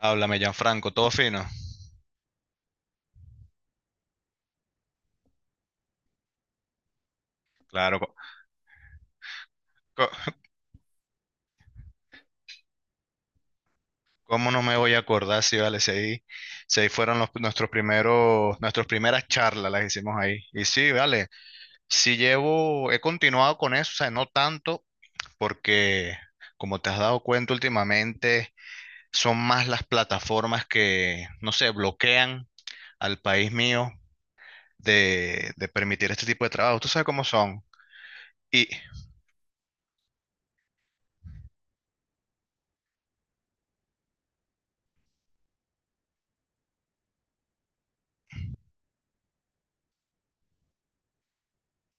Háblame, Gianfranco, todo fino. Claro, co- ¿cómo no me voy a acordar? Si vale, si ahí fueron nuestros nuestras primeras charlas las hicimos ahí. Y sí, vale, he continuado con eso, o sea, no tanto, porque como te has dado cuenta últimamente, son más las plataformas que, no sé, bloquean al país mío de permitir este tipo de trabajo. Tú sabes cómo son. Y,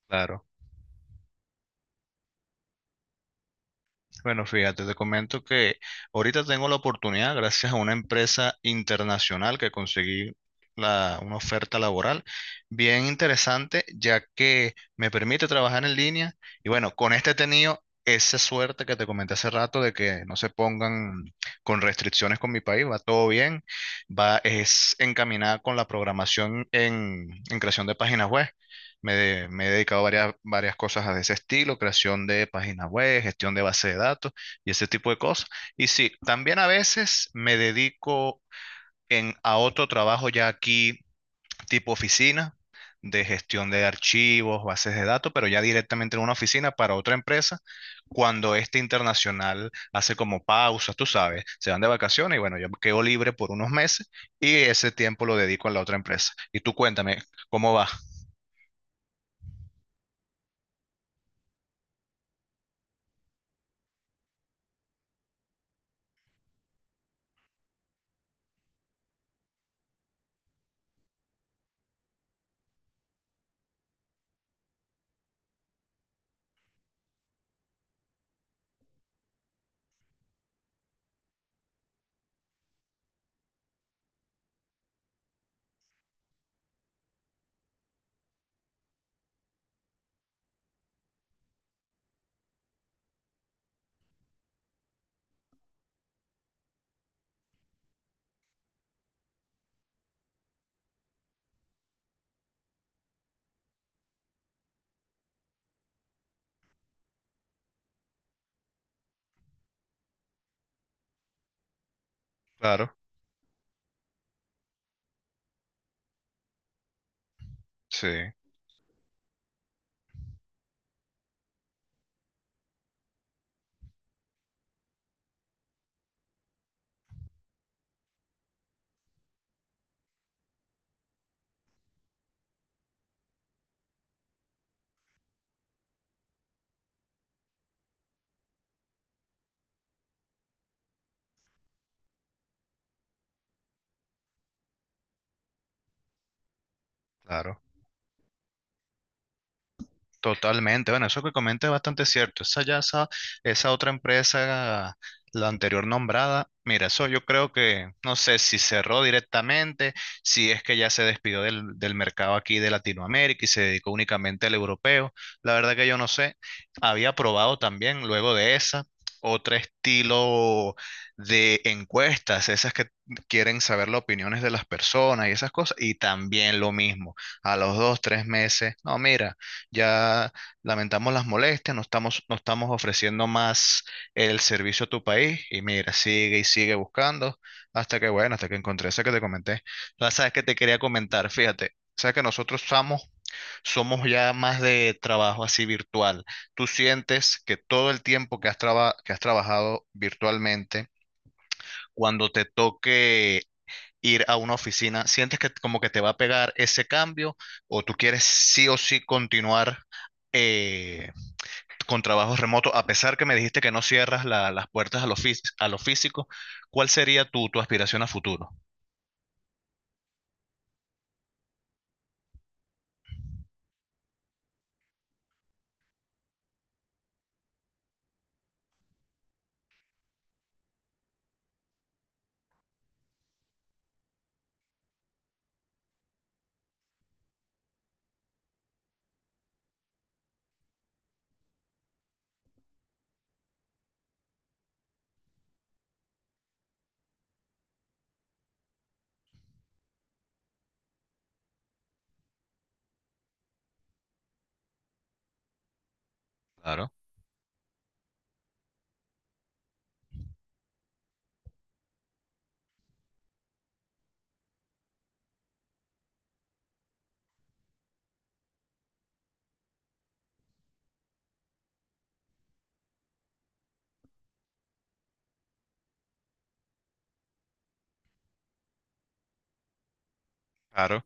claro. Bueno, fíjate, te comento que ahorita tengo la oportunidad, gracias a una empresa internacional que conseguí una oferta laboral bien interesante, ya que me permite trabajar en línea. Y bueno, con este he tenido esa suerte que te comenté hace rato de que no se pongan con restricciones con mi país, va todo bien, va, es encaminada con la programación en creación de páginas web. Me he dedicado a varias cosas de ese estilo, creación de páginas web, gestión de base de datos y ese tipo de cosas. Y sí, también a veces me dedico a otro trabajo ya aquí, tipo oficina, de gestión de archivos, bases de datos, pero ya directamente en una oficina para otra empresa, cuando este internacional hace como pausas, tú sabes, se van de vacaciones y bueno, yo quedo libre por unos meses y ese tiempo lo dedico a la otra empresa. Y tú cuéntame, ¿cómo va? Claro, sí. Claro, totalmente. Bueno, eso que comenta es bastante cierto. Esa otra empresa, la anterior nombrada, mira, eso yo creo que, no sé si cerró directamente, si es que ya se despidió del mercado aquí de Latinoamérica y se dedicó únicamente al europeo. La verdad que yo no sé. Había probado también luego de esa. Otro estilo de encuestas, esas que quieren saber las opiniones de las personas y esas cosas, y también lo mismo a los dos, tres meses. No, mira, ya lamentamos las molestias, no estamos ofreciendo más el servicio a tu país y mira, sigue y sigue buscando hasta que, bueno, hasta que encontré esa que te comenté. La sabes que te quería comentar, fíjate, sabes que somos ya más de trabajo así virtual. ¿Tú sientes que todo el tiempo que que has trabajado virtualmente, cuando te toque ir a una oficina? ¿Sientes que como que te va a pegar ese cambio o tú quieres sí o sí continuar eh, con trabajos remotos? A pesar que me dijiste que no cierras las puertas a a lo físico, ¿cuál sería tu, tu aspiración a futuro? Claro, claro.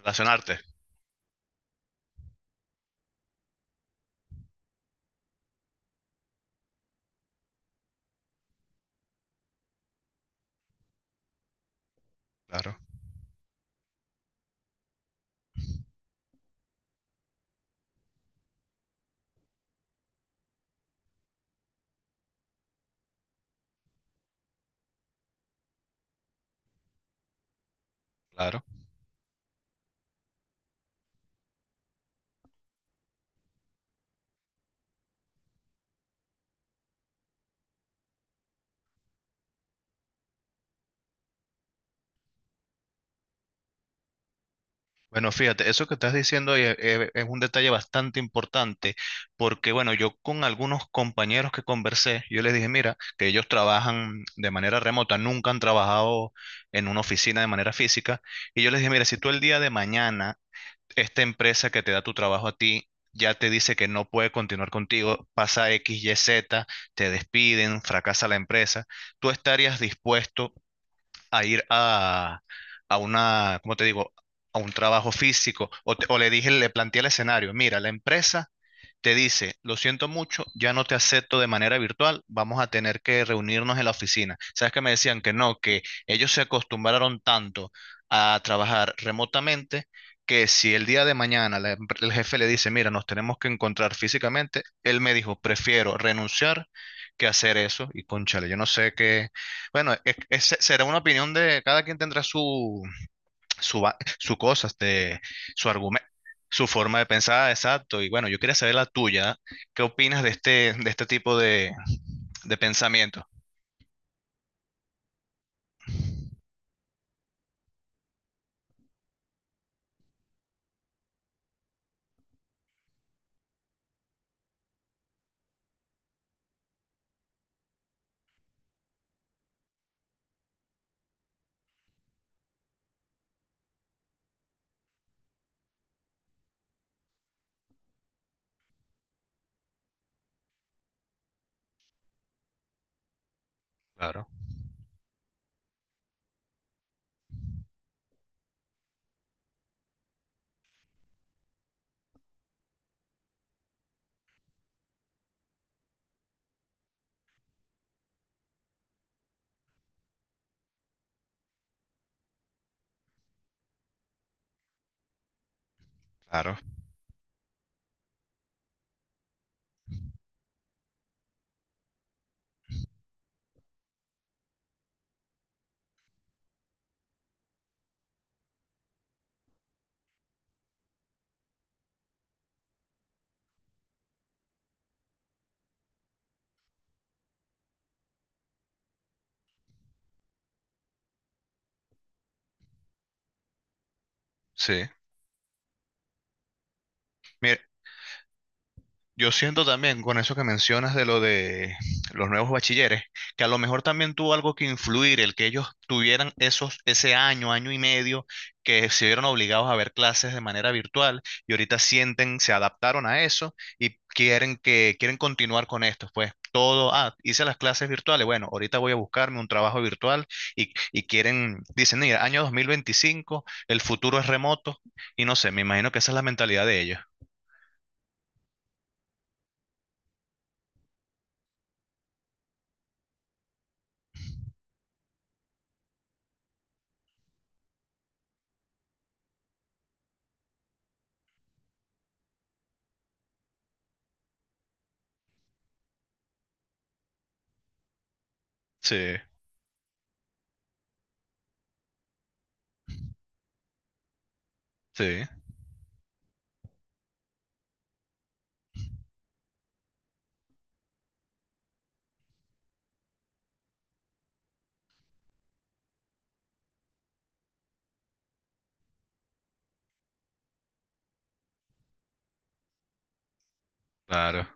Relacionarte. Claro, claro. Bueno, fíjate, eso que estás diciendo ahí, un detalle bastante importante, porque bueno, yo con algunos compañeros que conversé, yo les dije, mira, que ellos trabajan de manera remota, nunca han trabajado en una oficina de manera física, y yo les dije, mira, si tú el día de mañana, esta empresa que te da tu trabajo a ti, ya te dice que no puede continuar contigo, pasa X, Y, Z, te despiden, fracasa la empresa, ¿tú estarías dispuesto a ir a una, ¿cómo te digo? A un trabajo físico? O, o le dije, le planteé el escenario, mira, la empresa te dice, lo siento mucho, ya no te acepto de manera virtual, vamos a tener que reunirnos en la oficina. ¿Sabes que me decían que no, que ellos se acostumbraron tanto a trabajar remotamente que si el día de mañana el jefe le dice, mira, nos tenemos que encontrar físicamente, él me dijo, prefiero renunciar que hacer eso? Y cónchale, yo no sé qué, bueno, será una opinión de cada quien, tendrá su, su cosa, este, su argumento, su forma de pensar, exacto. Y bueno, yo quería saber la tuya. ¿Qué opinas de de este tipo de pensamiento? Claro, claro, sí. Mi- Yo siento también con eso que mencionas de lo de los nuevos bachilleres, que a lo mejor también tuvo algo que influir el que ellos tuvieran ese año, año y medio, que se vieron obligados a ver clases de manera virtual y ahorita sienten, se adaptaron a eso y quieren que, quieren continuar con esto. Pues todo, ah, hice las clases virtuales, bueno, ahorita voy a buscarme un trabajo virtual y quieren, dicen, mira, año 2025 el futuro es remoto y no sé, me imagino que esa es la mentalidad de ellos. Sí, sí, claro.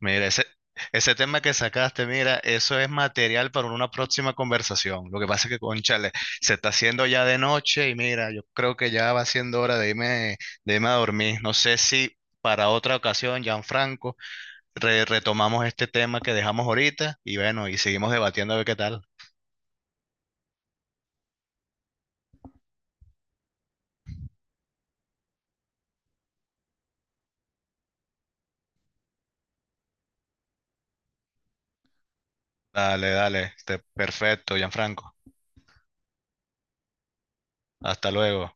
Mira, ese tema que sacaste, mira, eso es material para una próxima conversación. Lo que pasa es que, conchale, se está haciendo ya de noche y mira, yo creo que ya va siendo hora de irme a dormir. No sé si para otra ocasión, Gianfranco, retomamos este tema que dejamos ahorita y bueno, y seguimos debatiendo a ver qué tal. Dale, dale, este, perfecto, Gianfranco. Hasta luego.